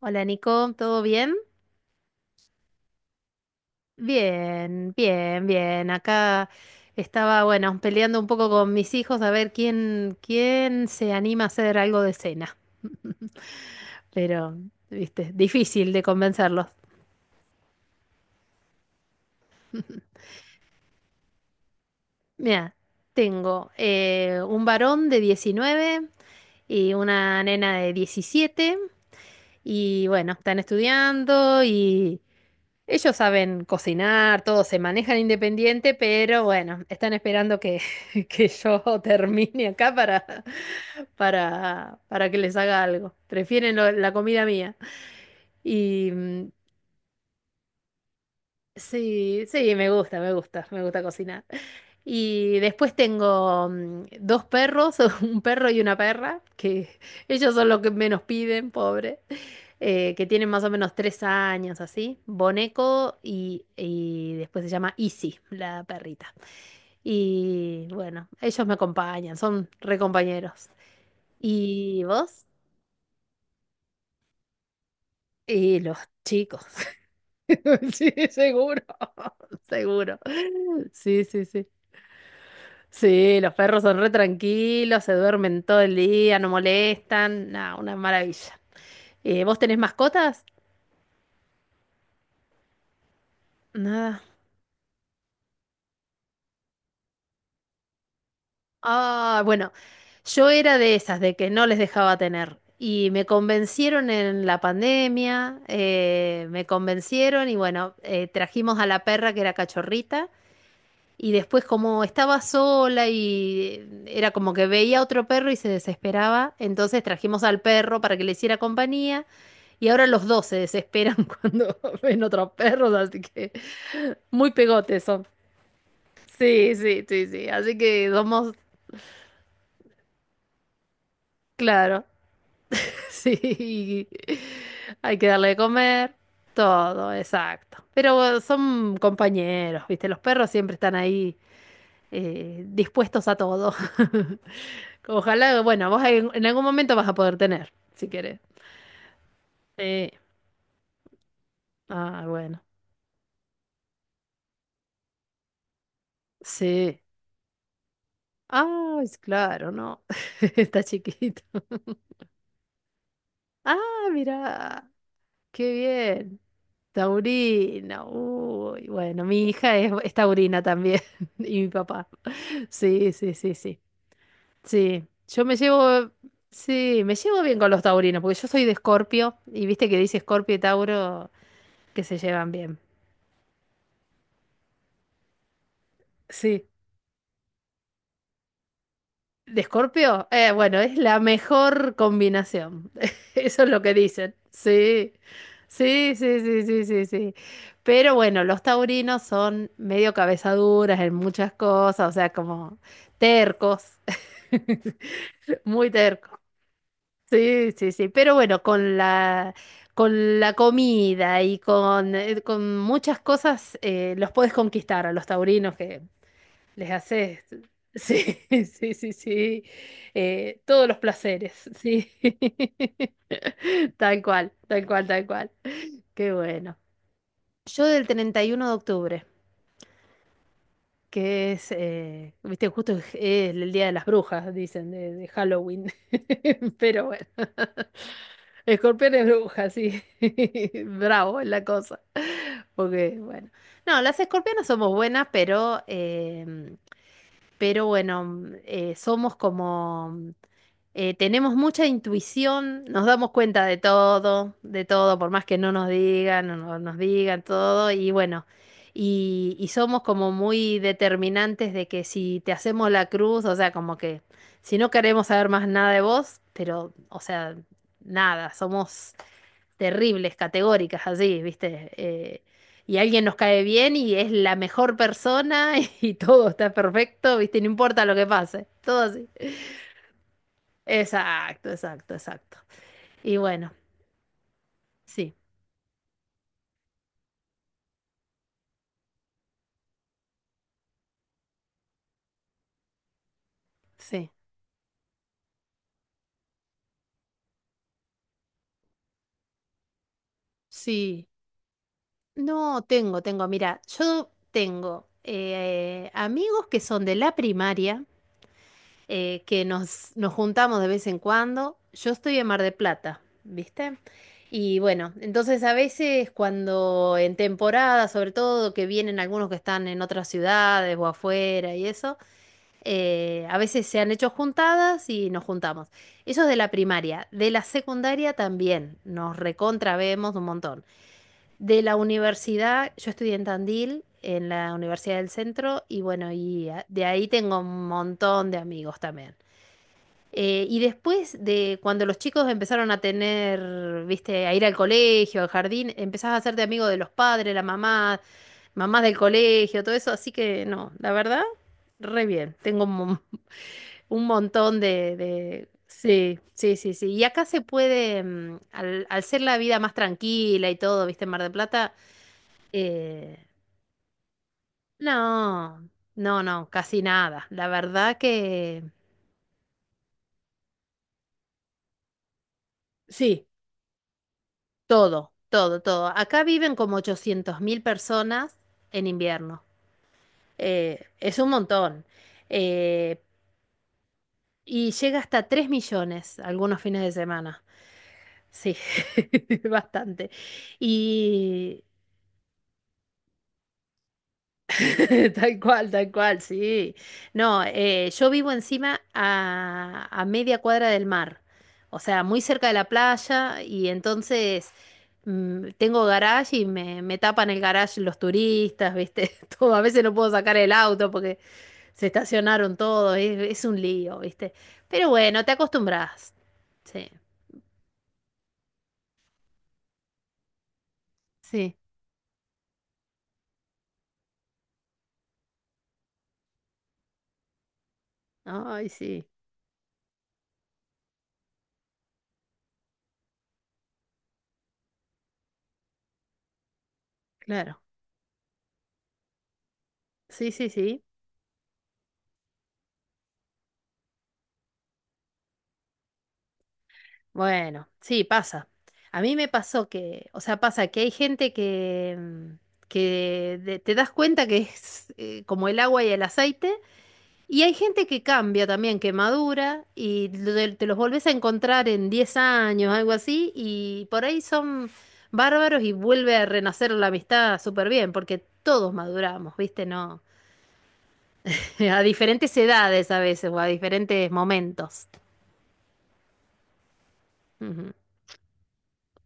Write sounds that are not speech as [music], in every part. Hola Nico, ¿todo bien? Bien, bien, bien. Acá estaba, bueno, peleando un poco con mis hijos a ver quién se anima a hacer algo de cena. Pero, viste, difícil de convencerlos. Mira, tengo un varón de 19 y una nena de 17 y bueno, están estudiando y... Ellos saben cocinar, todos se manejan independiente, pero bueno, están esperando que, [laughs] que yo termine acá para, para que les haga algo. Prefieren la comida mía. Y sí, sí, me gusta, me gusta, me gusta cocinar. Y después tengo dos perros, [laughs] un perro y una perra, que [laughs] ellos son los que menos piden, pobre, que tienen más o menos 3 años así, Boneco y después se llama Izzy, la perrita. Y bueno, ellos me acompañan, son re compañeros. ¿Y vos? Y los chicos. [laughs] Sí, seguro, [laughs] seguro. Sí, sí, sí. Sí, los perros son re tranquilos, se duermen todo el día, no molestan, nada, una maravilla. ¿Vos tenés mascotas? Nada. Ah, bueno, yo era de esas, de que no les dejaba tener. Y me convencieron en la pandemia, me convencieron y bueno, trajimos a la perra que era cachorrita. Y después como estaba sola y era como que veía otro perro y se desesperaba, entonces trajimos al perro para que le hiciera compañía y ahora los dos se desesperan [laughs] cuando ven otros perros, así que muy pegotes son. Sí, sí, sí, sí, así que somos, claro, [laughs] sí, hay que darle de comer, todo, exacto. Pero son compañeros, ¿viste? Los perros siempre están ahí dispuestos a todo. [laughs] Ojalá, bueno, vos en algún momento vas a poder tener, si querés. Sí. Ah, bueno. Sí. Ah, es claro, no. [laughs] Está chiquito. Ah, mira. Qué bien. Taurina. Uy, bueno, mi hija es taurina también. [laughs] Y mi papá. Sí, sí, sí, sí. Sí. Yo me llevo. Sí, me llevo bien con los taurinos, porque yo soy de Escorpio. Y viste que dice Escorpio y Tauro que se llevan bien. Sí. ¿De Escorpio? Bueno, es la mejor combinación. [laughs] Eso es lo que dicen. Sí. Sí, sí, sí, sí, sí, sí. Pero bueno, los taurinos son medio cabezaduras en muchas cosas, o sea, como tercos. [laughs] Muy tercos. Sí, sí, sí. Pero bueno, con la comida y con muchas cosas los podés conquistar a los taurinos que les haces, sí, [laughs] sí, sí, sí, todos los placeres, sí. [laughs] Tal cual, tal cual, tal cual. Qué bueno. Yo del 31 de octubre, que es, viste, justo es el Día de las Brujas, dicen, de Halloween. [laughs] Pero bueno, escorpión es bruja, sí. [laughs] Bravo es la cosa. Porque, bueno. No, las escorpionas somos buenas, pero, pero bueno, somos como... Tenemos mucha intuición, nos damos cuenta de todo, por más que no nos digan, no nos digan todo, y bueno, y somos como muy determinantes de que si te hacemos la cruz, o sea, como que si no queremos saber más nada de vos, pero, o sea, nada, somos terribles, categóricas, así, ¿viste? Y alguien nos cae bien y es la mejor persona [laughs] y todo está perfecto, ¿viste? No importa lo que pase, todo así. Exacto, exacto, exacto. Y bueno, sí, sí, sí. No, mira, yo tengo amigos que son de la primaria, que nos juntamos de vez en cuando. Yo estoy en Mar de Plata, ¿viste? Y bueno, entonces a veces cuando en temporada, sobre todo que vienen algunos que están en otras ciudades o afuera y eso. A veces se han hecho juntadas y nos juntamos. Eso es de la primaria. De la secundaria también. Nos recontravemos un montón. De la universidad, yo estudié en Tandil, en la Universidad del Centro, y bueno, de ahí tengo un montón de amigos también. Y después de cuando los chicos empezaron a tener, viste, a ir al colegio, al jardín, empezás a hacerte amigo de los padres, mamás del colegio, todo eso. Así que no, la verdad, re bien. Tengo un montón de, Sí, sí, sí, sí. Y acá se puede, al ser la vida más tranquila y todo, viste, en Mar del Plata, eh, no, no, no, casi nada. La verdad que sí, todo, todo, todo. Acá viven como 800.000 personas en invierno. Es un montón. Eh, y llega hasta 3 millones algunos fines de semana. Sí, [laughs] bastante. Y [laughs] tal cual, tal cual, sí. No, yo vivo encima a media cuadra del mar, o sea, muy cerca de la playa y entonces tengo garage y me tapan el garage los turistas, ¿viste? [laughs] Todo, a veces no puedo sacar el auto porque se estacionaron todos, es un lío, ¿viste? Pero bueno, te acostumbras. Sí, sí. Ay, sí, claro. Sí, sí, sí. Bueno, sí, pasa. A mí me pasó que, o sea, pasa que hay gente que, te das cuenta que es como el agua y el aceite, y hay gente que cambia también, que madura, y te los volvés a encontrar en 10 años, algo así, y por ahí son bárbaros y vuelve a renacer la amistad súper bien, porque todos maduramos, ¿viste? No, [laughs] a diferentes edades a veces, o a diferentes momentos. Ujú.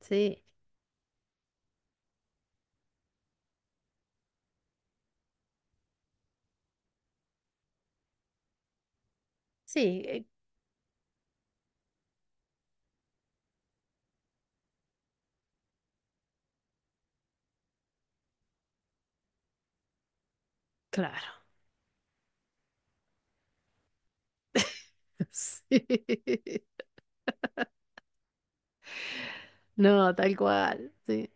Sí, sí, claro. [laughs] Sí. No, tal cual. Sí.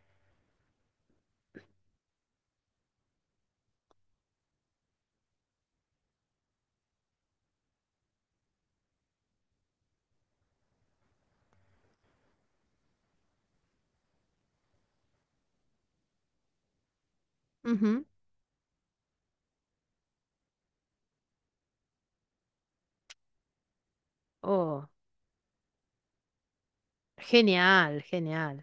Ujú. Oh, genial, genial.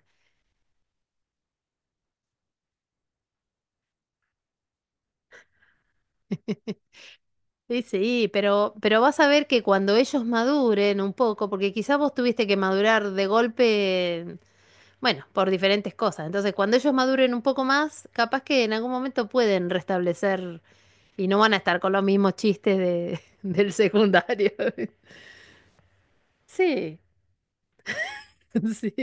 [laughs] Sí, sí, pero vas a ver que cuando ellos maduren un poco, porque quizás vos tuviste que madurar de golpe, bueno, por diferentes cosas. Entonces, cuando ellos maduren un poco más, capaz que en algún momento pueden restablecer y no van a estar con los mismos chistes de, [laughs] del secundario. [laughs] Sí, [laughs] sí.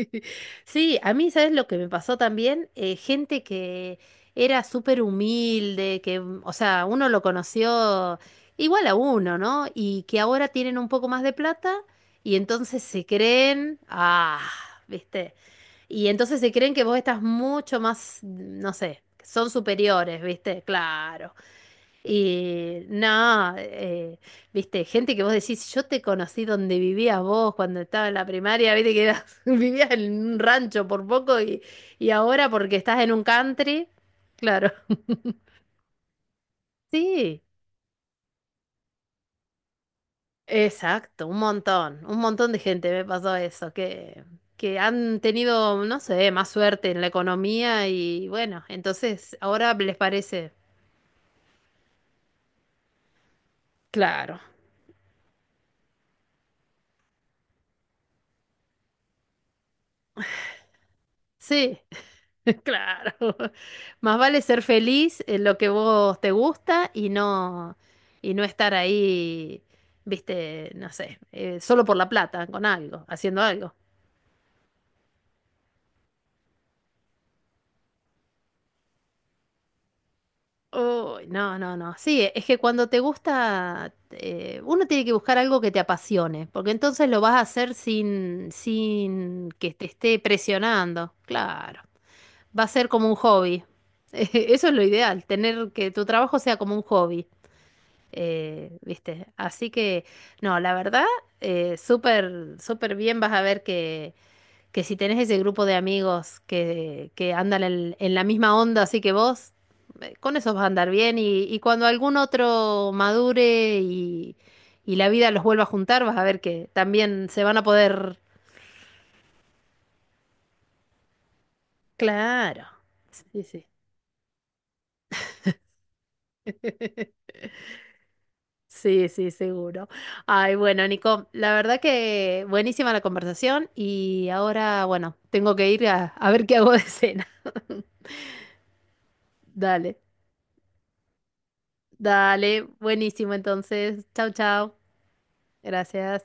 Sí, a mí, ¿sabes lo que me pasó también? Gente que era súper humilde, que, o sea, uno lo conoció igual a uno, ¿no? Y que ahora tienen un poco más de plata y entonces se creen, ah, ¿viste? Y entonces se creen que vos estás mucho más, no sé, son superiores, ¿viste? Claro. Y no, viste, gente que vos decís, yo te conocí donde vivías vos cuando estaba en la primaria, viste que [laughs] vivías en un rancho por poco y ahora porque estás en un country, claro. [laughs] Sí, exacto, un montón de gente me pasó eso, que han tenido, no sé, más suerte en la economía y bueno, entonces ahora les parece, claro, sí. [laughs] Claro. Más vale ser feliz en lo que vos te gusta y no estar ahí, viste, no sé, solo por la plata, con algo, haciendo algo. Uy, no, no, no. Sí, es que cuando te gusta, uno tiene que buscar algo que te apasione, porque entonces lo vas a hacer sin que te esté presionando. Claro. Va a ser como un hobby. [laughs] Eso es lo ideal, tener que tu trabajo sea como un hobby. ¿Viste? Así que, no, la verdad, súper, súper bien vas a ver que si tenés ese grupo de amigos que andan en la misma onda, así que vos, con esos vas a andar bien y cuando algún otro madure y la vida los vuelva a juntar, vas a ver que también se van a poder... Claro. Sí, sí. Sí, sí, seguro. Ay, bueno, Nico, la verdad que buenísima la conversación y ahora, bueno, tengo que ir a ver qué hago de cena. [laughs] Dale, dale, buenísimo entonces. Chao, chao. Gracias.